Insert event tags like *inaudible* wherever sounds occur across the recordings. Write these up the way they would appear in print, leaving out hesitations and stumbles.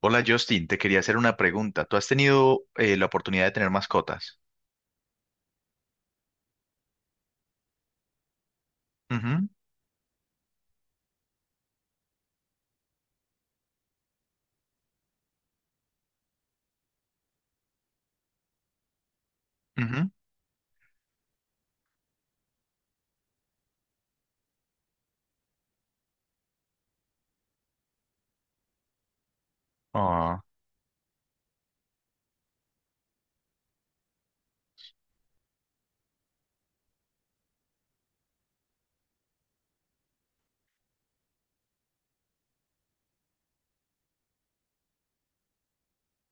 Hola Justin, te quería hacer una pregunta. ¿Tú has tenido la oportunidad de tener mascotas? Ujú, ujú. Ah,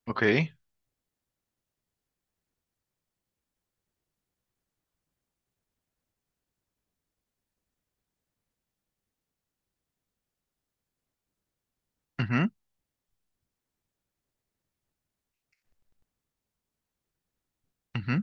ok. Ujú, ujú.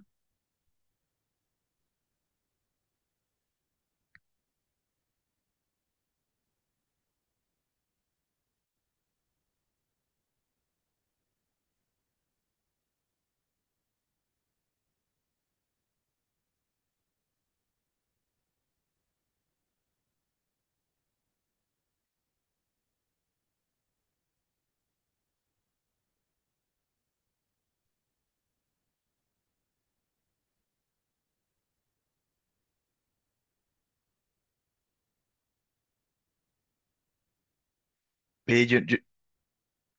Eh, yo- yo-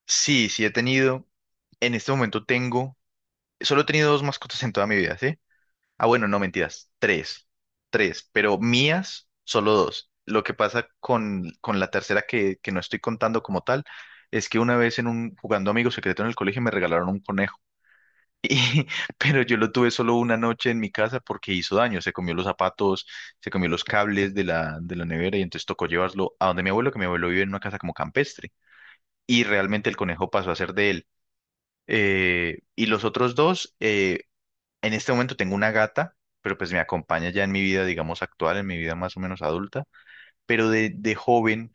sí, sí he tenido. En este momento tengo. Solo he tenido dos mascotas en toda mi vida, ¿sí? Ah, bueno, no mentiras. Tres. Tres. Pero mías, solo dos. Lo que pasa con la tercera que no estoy contando como tal es que una vez en un jugando Amigo Secreto en el colegio me regalaron un conejo. Y- *laughs* pero yo lo tuve solo una noche en mi casa porque hizo daño, se comió los zapatos, se comió los cables de la nevera y entonces tocó llevarlo a donde mi abuelo, que mi abuelo vive en una casa como campestre y realmente el conejo pasó a ser de él. Y los otros dos, en este momento tengo una gata, pero pues me acompaña ya en mi vida, digamos, actual, en mi vida más o menos adulta, pero de joven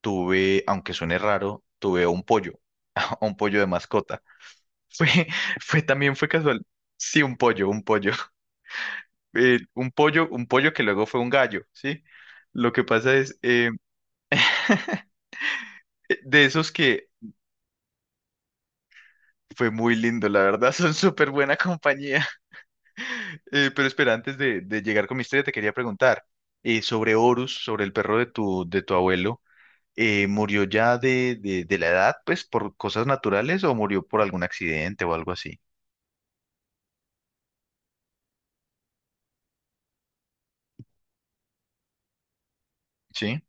tuve, aunque suene raro, tuve un pollo, *laughs* un pollo de mascota. *laughs* Fue, fue también fue casual. Sí, un pollo, un pollo. Un pollo, un pollo que luego fue un gallo, ¿sí? Lo que pasa es, *laughs* de esos que fue muy lindo, la verdad, *laughs* son súper buena compañía. *laughs* Pero espera, antes de llegar con mi historia, te quería preguntar sobre Horus, sobre el perro de tu abuelo. ¿Murió ya de la edad, pues, por cosas naturales o murió por algún accidente o algo así? ¿Sí?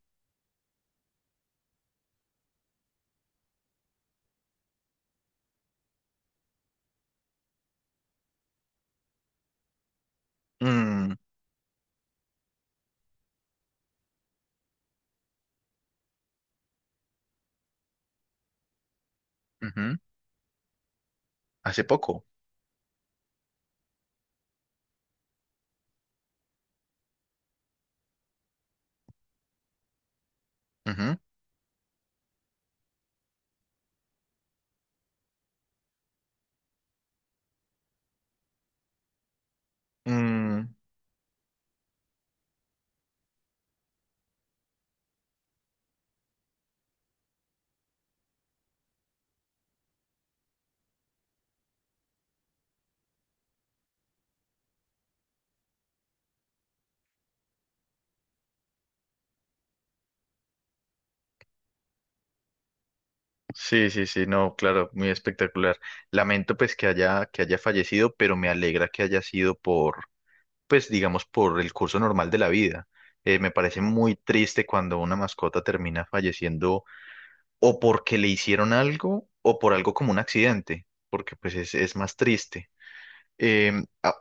Mm, ujú. Hace poco. Ujú. Mm, sí, sí, sí, no, claro, muy espectacular. Lamento pues que haya fallecido, pero me alegra que haya sido por, pues digamos, por el curso normal de la vida. Me parece muy triste cuando una mascota termina falleciendo o porque le hicieron algo o por algo como un accidente, porque pues es más triste. Ah,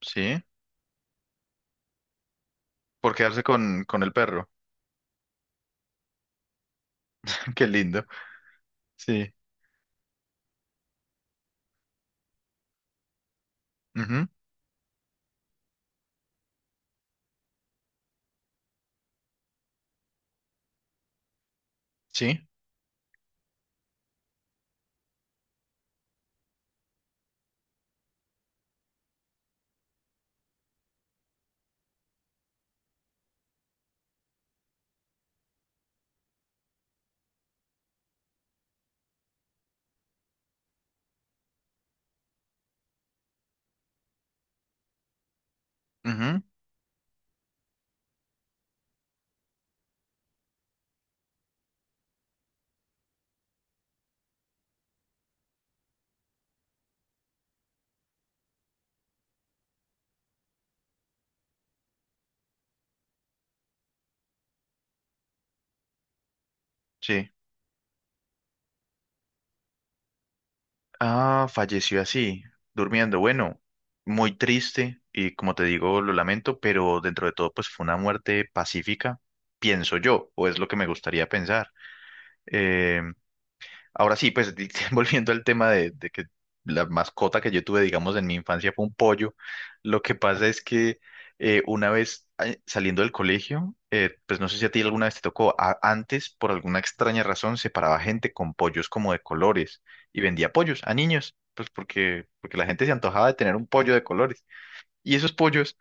sí, por quedarse con el perro. *laughs* Qué lindo. Sí. Ujú, sí. Ujú, sí. Ah, falleció así, durmiendo. Bueno, muy triste y como te digo, lo lamento, pero dentro de todo, pues fue una muerte pacífica, pienso yo, o es lo que me gustaría pensar. Em, Ahora sí, pues di- *laughs* volviendo al tema de que la mascota que yo tuve, digamos, en mi infancia fue un pollo, lo que pasa es que una vez saliendo del colegio, pues no sé si a ti alguna vez te tocó, a- antes por alguna extraña razón separaba gente con pollos como de colores y vendía pollos a niños, pues porque, porque la gente se antojaba de tener un pollo de colores. Y esos pollos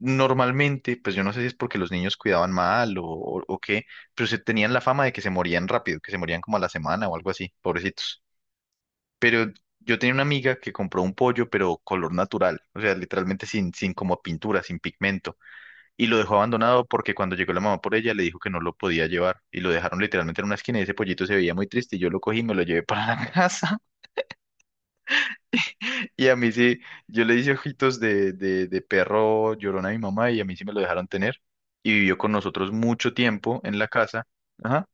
normalmente, pues yo no sé si es porque los niños cuidaban mal o qué, pero se tenían la fama de que se morían rápido, que se morían como a la semana o algo así, pobrecitos. Yo tenía una amiga que compró un pollo, pero color natural, o sea, literalmente sin como pintura, sin pigmento, y lo dejó abandonado porque cuando llegó la mamá por ella le dijo que no lo podía llevar, y lo dejaron literalmente en una esquina y ese pollito se veía muy triste, y yo lo cogí y me lo llevé para la *laughs* casa. Y a mí sí, yo le hice ojitos de perro llorón a mi mamá y a mí sí me lo dejaron tener. Y vivió con nosotros mucho tiempo en la casa. Ajá.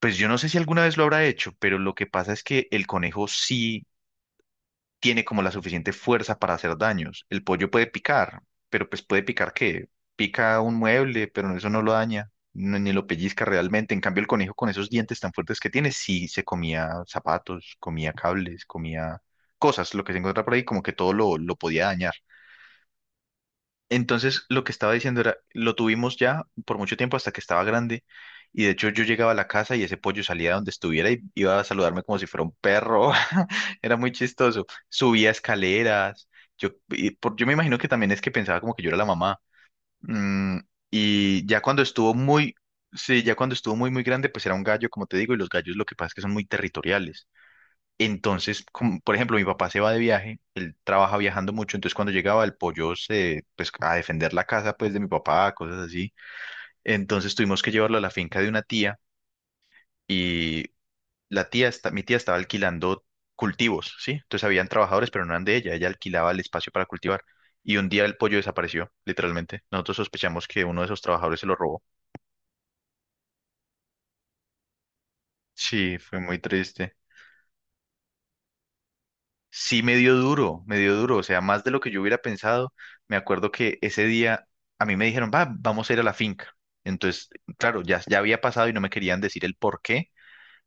Pues yo no sé si alguna vez lo habrá hecho, pero lo que pasa es que el conejo sí tiene como la suficiente fuerza para hacer daños. El pollo puede picar, pero pues puede picar qué? Pica un mueble, pero eso no lo daña, no- ni lo pellizca realmente. En cambio, el conejo con esos dientes tan fuertes que tiene, sí se comía zapatos, comía cables, comía cosas, lo que se encuentra por ahí, como que todo lo podía dañar. Entonces, lo que estaba diciendo era, lo tuvimos ya por mucho tiempo hasta que estaba grande. Y de hecho yo llegaba a la casa y ese pollo salía donde estuviera y iba a saludarme como si fuera un perro. *laughs* Era muy chistoso. Subía escaleras. Yo, y por- yo me imagino que también es que pensaba como que yo era la mamá. Mm, y ya cuando estuvo muy, sí, ya cuando estuvo muy, muy grande, pues era un gallo, como te digo, y los gallos lo que pasa es que son muy territoriales. Entonces, como, por ejemplo, mi papá se va de viaje, él trabaja viajando mucho, entonces cuando llegaba el pollo se, pues, a defender la casa, pues, de mi papá, cosas así. Entonces tuvimos que llevarlo a la finca de una tía y la tía, está, mi tía estaba alquilando cultivos, ¿sí? Entonces habían trabajadores, pero no eran de ella, ella alquilaba el espacio para cultivar. Y un día el pollo desapareció, literalmente. Nosotros sospechamos que uno de esos trabajadores se lo robó. Sí, fue muy triste. Sí, me dio duro, o sea, más de lo que yo hubiera pensado. Me acuerdo que ese día a mí me dijeron, va, vamos a ir a la finca. Entonces, claro, ya, ya había pasado y no me querían decir el por qué.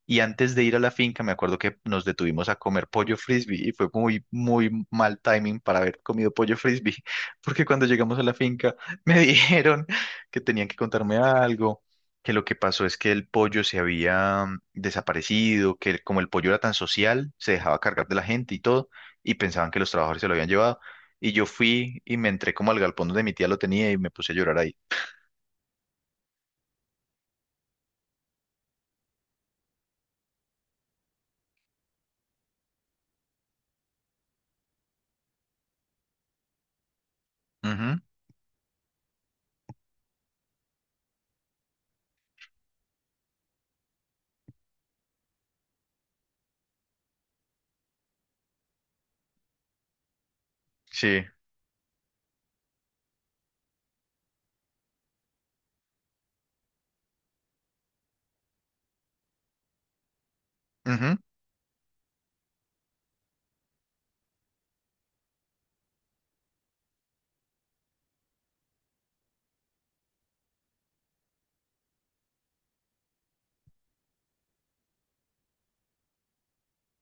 Y antes de ir a la finca, me acuerdo que nos detuvimos a comer pollo frisbee y fue muy, muy mal timing para haber comido pollo frisbee, *laughs* porque cuando llegamos a la finca me *laughs* dijeron que tenían que contarme algo, que lo que pasó es que el pollo se había desaparecido, que como el pollo era tan social, se dejaba cargar de la gente y todo, y pensaban que los trabajadores se lo habían llevado. Y yo fui y me entré como al galpón donde mi tía lo tenía y me puse a llorar ahí. Ujú, sí, ujú,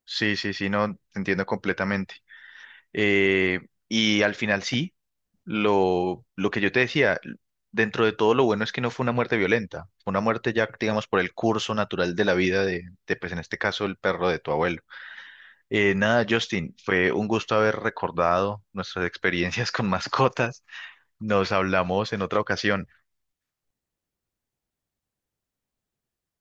sí, sí, sí, no, te entiendo completamente. Eh, y al final sí, lo que yo te decía, dentro de todo lo bueno es que no fue una muerte violenta, fue una muerte ya, digamos, por el curso natural de la vida de, pues en este caso, el perro de tu abuelo. Nada, Justin, fue un gusto haber recordado nuestras experiencias *laughs* con mascotas. Nos hablamos en otra ocasión.